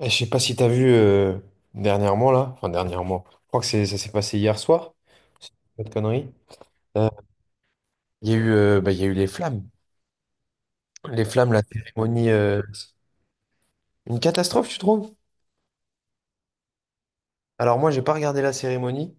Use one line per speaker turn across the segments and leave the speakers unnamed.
Eh, je sais pas si t'as vu dernièrement là, enfin dernièrement, je crois que c'est, ça s'est passé hier soir, si je dis pas de conneries. Euh, Il y a eu, bah, il y a eu les flammes, la cérémonie, une catastrophe, tu trouves? Alors moi, j'ai pas regardé la cérémonie.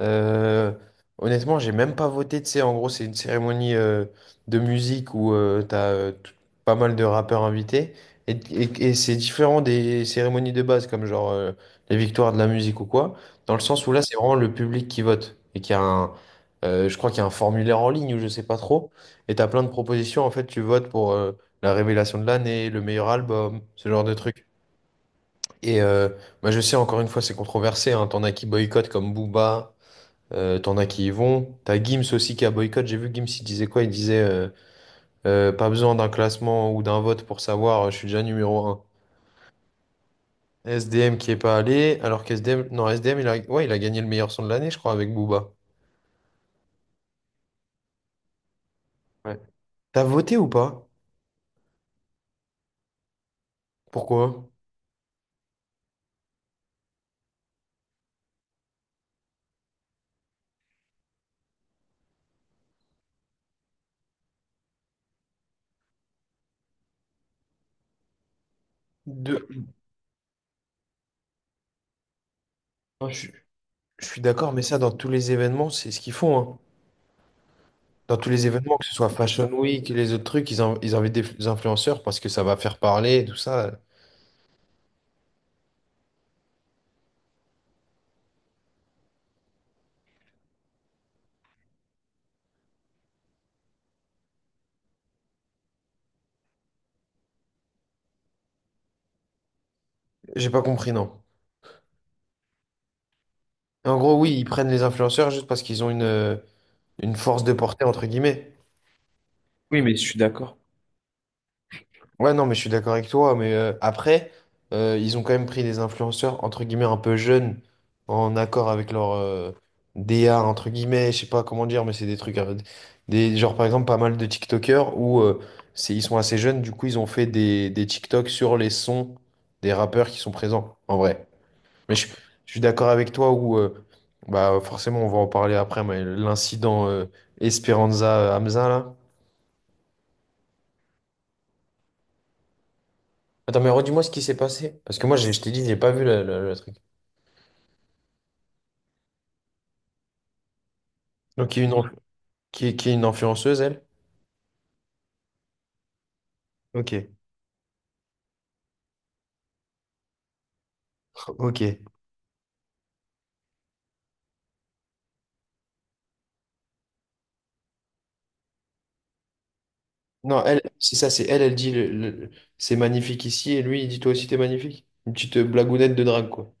Euh, Honnêtement, j'ai même pas voté. Tu sais, en gros, c'est une cérémonie de musique où t'as pas mal de rappeurs invités. Et c'est différent des cérémonies de base, comme les victoires de la musique ou quoi, dans le sens où là, c'est vraiment le public qui vote. Et qu'il y a un, je crois qu'il y a un formulaire en ligne ou je sais pas trop. Et t'as plein de propositions. En fait, tu votes pour la révélation de l'année, le meilleur album, ce genre de truc. Et bah, je sais, encore une fois, c'est controversé. Hein, t'en as qui boycottent comme Booba. T'en as qui y vont. T'as Gims aussi qui a boycott. J'ai vu Gims, il disait quoi? Il disait pas besoin d'un classement ou d'un vote pour savoir, je suis déjà numéro un. S D M qui est pas allé, alors qu'S D M non, S D M il a, ouais, il a gagné le meilleur son de l'année, je crois, avec Booba. Ouais. T'as voté ou pas? Pourquoi? De... Moi, je suis d'accord, mais ça, dans tous les événements, c'est ce qu'ils font, hein. Dans tous les événements, que ce soit Fashion Week, les autres trucs, ils, ils invitent des influenceurs parce que ça va faire parler, et tout ça. J'ai pas compris, non. En gros, oui, ils prennent les influenceurs juste parce qu'ils ont une, une force de portée, entre guillemets. Oui, mais je suis d'accord. Ouais, non, mais je suis d'accord avec toi. Mais après, ils ont quand même pris des influenceurs, entre guillemets, un peu jeunes, en accord avec leur D A, entre guillemets, je sais pas comment dire, mais c'est des trucs, des, genre, par exemple, pas mal de TikTokers où c'est, ils sont assez jeunes, du coup, ils ont fait des TikToks sur les sons des rappeurs qui sont présents, en vrai. Mais je, je suis d'accord avec toi où, bah, forcément, on va en parler après, mais l'incident Esperanza Hamza, là. Attends, mais redis-moi ce qui s'est passé. Parce que moi, je t'ai dit, j'ai pas vu le, le truc. Donc, il y a une, qui est, qui est une influenceuse, elle? Ok, ok. Non, elle, c'est ça, c'est elle, elle dit le, c'est magnifique ici, et lui, il dit toi aussi, t'es magnifique. Une petite blagounette de drague, quoi.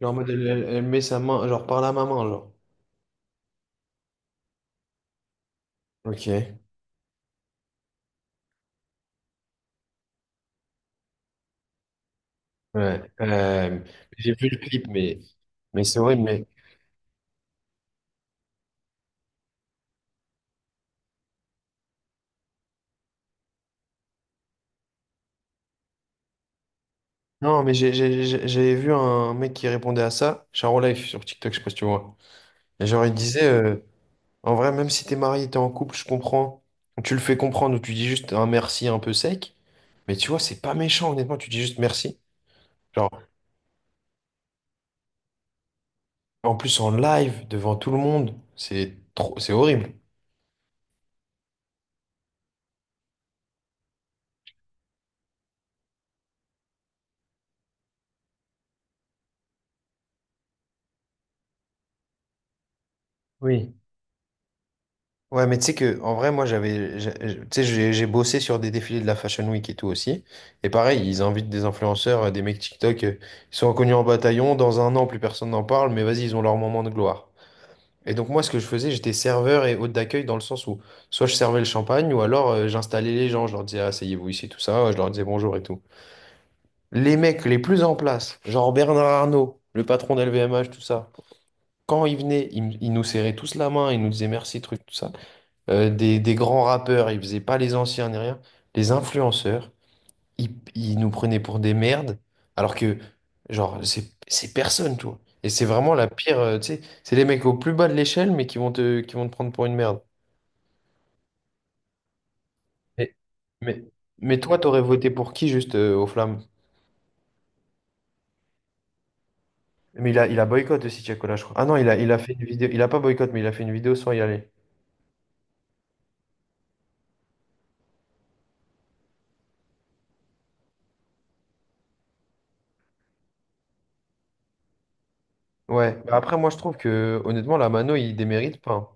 Genre, en mode, elle, elle met sa main, genre, par la maman, genre. Ok, ouais. J'ai vu le clip, mais c'est horrible, mais. Non, mais j'avais vu un mec qui répondait à ça, Charo Life sur TikTok, je sais pas si tu vois. Et genre, il disait, en vrai, même si t'es marié, t'es en couple, je comprends. Tu le fais comprendre ou tu dis juste un merci un peu sec. Mais tu vois, c'est pas méchant, honnêtement, tu dis juste merci. Genre, en plus en live, devant tout le monde, c'est trop, c'est horrible. Oui. Ouais, mais tu sais que, en vrai, moi, tu sais, j'ai bossé sur des défilés de la Fashion Week et tout aussi. Et pareil, ils invitent des influenceurs, des mecs TikTok, ils sont inconnus en bataillon. Dans un an, plus personne n'en parle, mais vas-y, ils ont leur moment de gloire. Et donc moi, ce que je faisais, j'étais serveur et hôte d'accueil dans le sens où soit je servais le champagne ou alors j'installais les gens, je leur disais asseyez-vous ici, tout ça, je leur disais bonjour et tout. Les mecs les plus en place, genre Bernard Arnault, le patron d'LVMH, tout ça, quand ils venaient, ils nous serraient tous la main, ils nous disaient merci, truc, tout ça. Des grands rappeurs, ils faisaient pas les anciens ni rien. Les influenceurs, ils nous prenaient pour des merdes, alors que, genre, c'est personne, tu vois. Et c'est vraiment la pire, tu sais, c'est les mecs au plus bas de l'échelle, mais qui vont te prendre pour une merde. Mais, mais, mais toi, t'aurais voté pour qui juste aux flammes? Mais il a boycott aussi, Tiakola, je crois. Ah non, il a fait une vidéo, il a pas boycott, mais il a fait une vidéo sans y aller. Ouais. Bah après, moi, je trouve que, honnêtement, la Mano, il démérite pas, hein.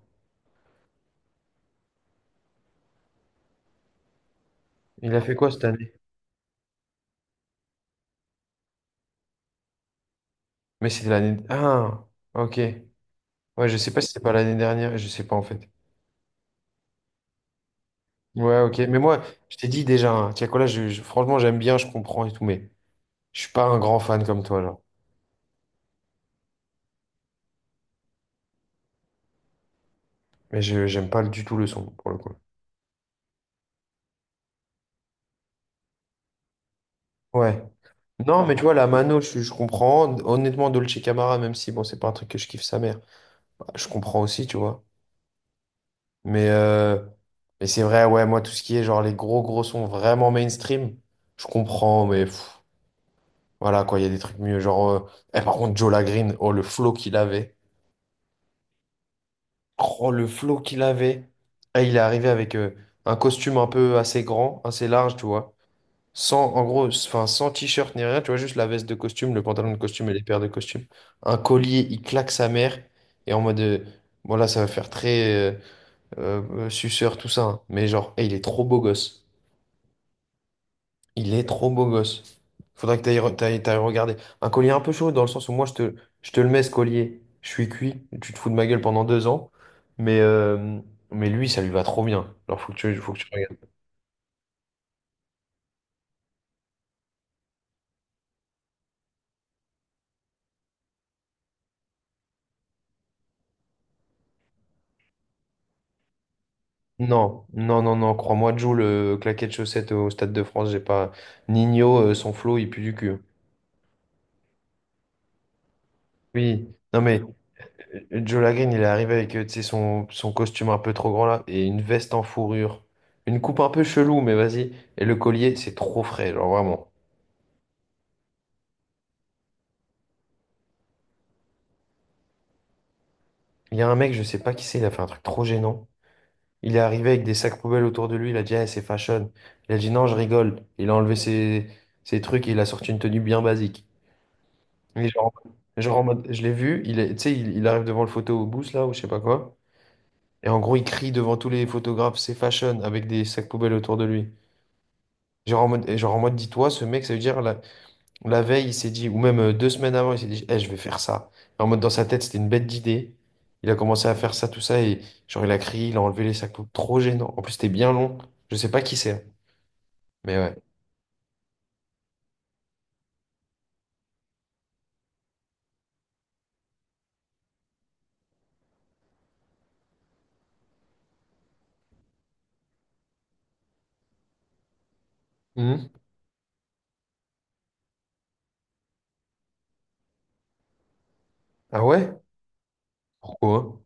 Il a fait quoi cette année? Mais c'était l'année. Ah, ok. Ouais, je sais pas si c'était pas l'année dernière, je sais pas en fait. Ouais, ok. Mais moi, je t'ai dit déjà, hein, Tiakola, franchement, j'aime bien, je comprends et tout, mais je suis pas un grand fan comme toi, genre. Mais je j'aime pas du tout le son, pour le coup. Ouais. Non, mais tu vois, la Mano, je comprends. Honnêtement, Dolce Camara, même si, bon, c'est pas un truc que je kiffe sa mère, je comprends aussi, tu vois. Mais, euh, mais c'est vrai, ouais, moi, tout ce qui est, genre, les gros, gros sons vraiment mainstream, je comprends, mais pff, voilà, quoi, il y a des trucs mieux. Par contre, Joe Green, oh, le flow qu'il avait. Oh, le flow qu'il avait. Ah, il est arrivé avec un costume un peu assez grand, assez large, tu vois. Sans, en gros, enfin, sans t-shirt ni rien, tu vois, juste la veste de costume, le pantalon de costume et les paires de costume. Un collier, il claque sa mère. Et en mode, bon là, ça va faire très suceur, tout ça, hein. Mais genre, eh, il est trop beau gosse. Il est trop beau gosse. Faudrait que t'ailles regarder. Un collier un peu chaud dans le sens où je te le mets ce collier. Je suis cuit, tu te fous de ma gueule pendant 2 ans. Mais, euh, mais lui, ça lui va trop bien. Alors faut que tu regardes. Non, non, non, non, crois-moi, Joe, le claquet de chaussettes au Stade de France, j'ai pas. Nino, son flow, il pue du cul. Oui, non mais Joe Lagreen, il est arrivé avec tu sais, son, son costume un peu trop grand là et une veste en fourrure. Une coupe un peu chelou, mais vas-y. Et le collier, c'est trop frais, genre vraiment. Il y a un mec, je sais pas qui c'est, il a fait un truc trop gênant. Il est arrivé avec des sacs poubelles autour de lui, il a dit, ah, c'est fashion. Il a dit, non, je rigole. Il a enlevé ses, ses trucs et il a sorti une tenue bien basique. Mais genre, genre en mode, je l'ai vu, il est, tu sais, il arrive devant le photo au booth là, ou je sais pas quoi. Et en gros, il crie devant tous les photographes, c'est fashion, avec des sacs poubelles autour de lui. Genre en mode, et genre en mode, dis-toi, ce mec, ça veut dire, là, la veille, il s'est dit, ou même 2 semaines avant, il s'est dit, eh, je vais faire ça. En mode, dans sa tête, c'était une bête d'idée. Il a commencé à faire ça, tout ça, et genre, il a crié, il a enlevé les sacs, trop gênant. En plus, c'était bien long. Je sais pas qui c'est, hein. Mais ouais. Mhm. Ah ouais? Pourquoi?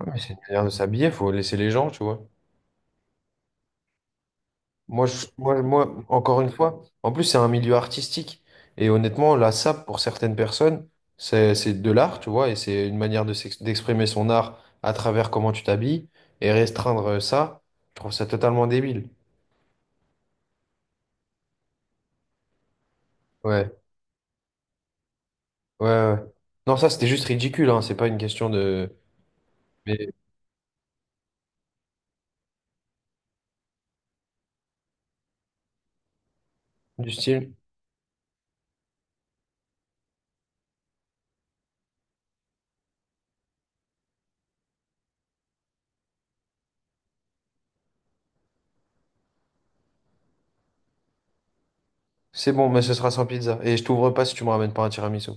Ouais, mais c'est une manière de s'habiller, faut laisser les gens, tu vois. Moi, moi, encore une fois, en plus, c'est un milieu artistique. Et honnêtement, la sape, pour certaines personnes, c'est de l'art, tu vois, et c'est une manière de d'exprimer son art à travers comment tu t'habilles. Et restreindre ça, je trouve ça totalement débile. Ouais, ouais, ouais. Non, ça, c'était juste ridicule, hein, c'est pas une question de... Mais du style, c'est bon, mais ce sera sans pizza. Et je t'ouvre pas si tu me ramènes pas un tiramisu.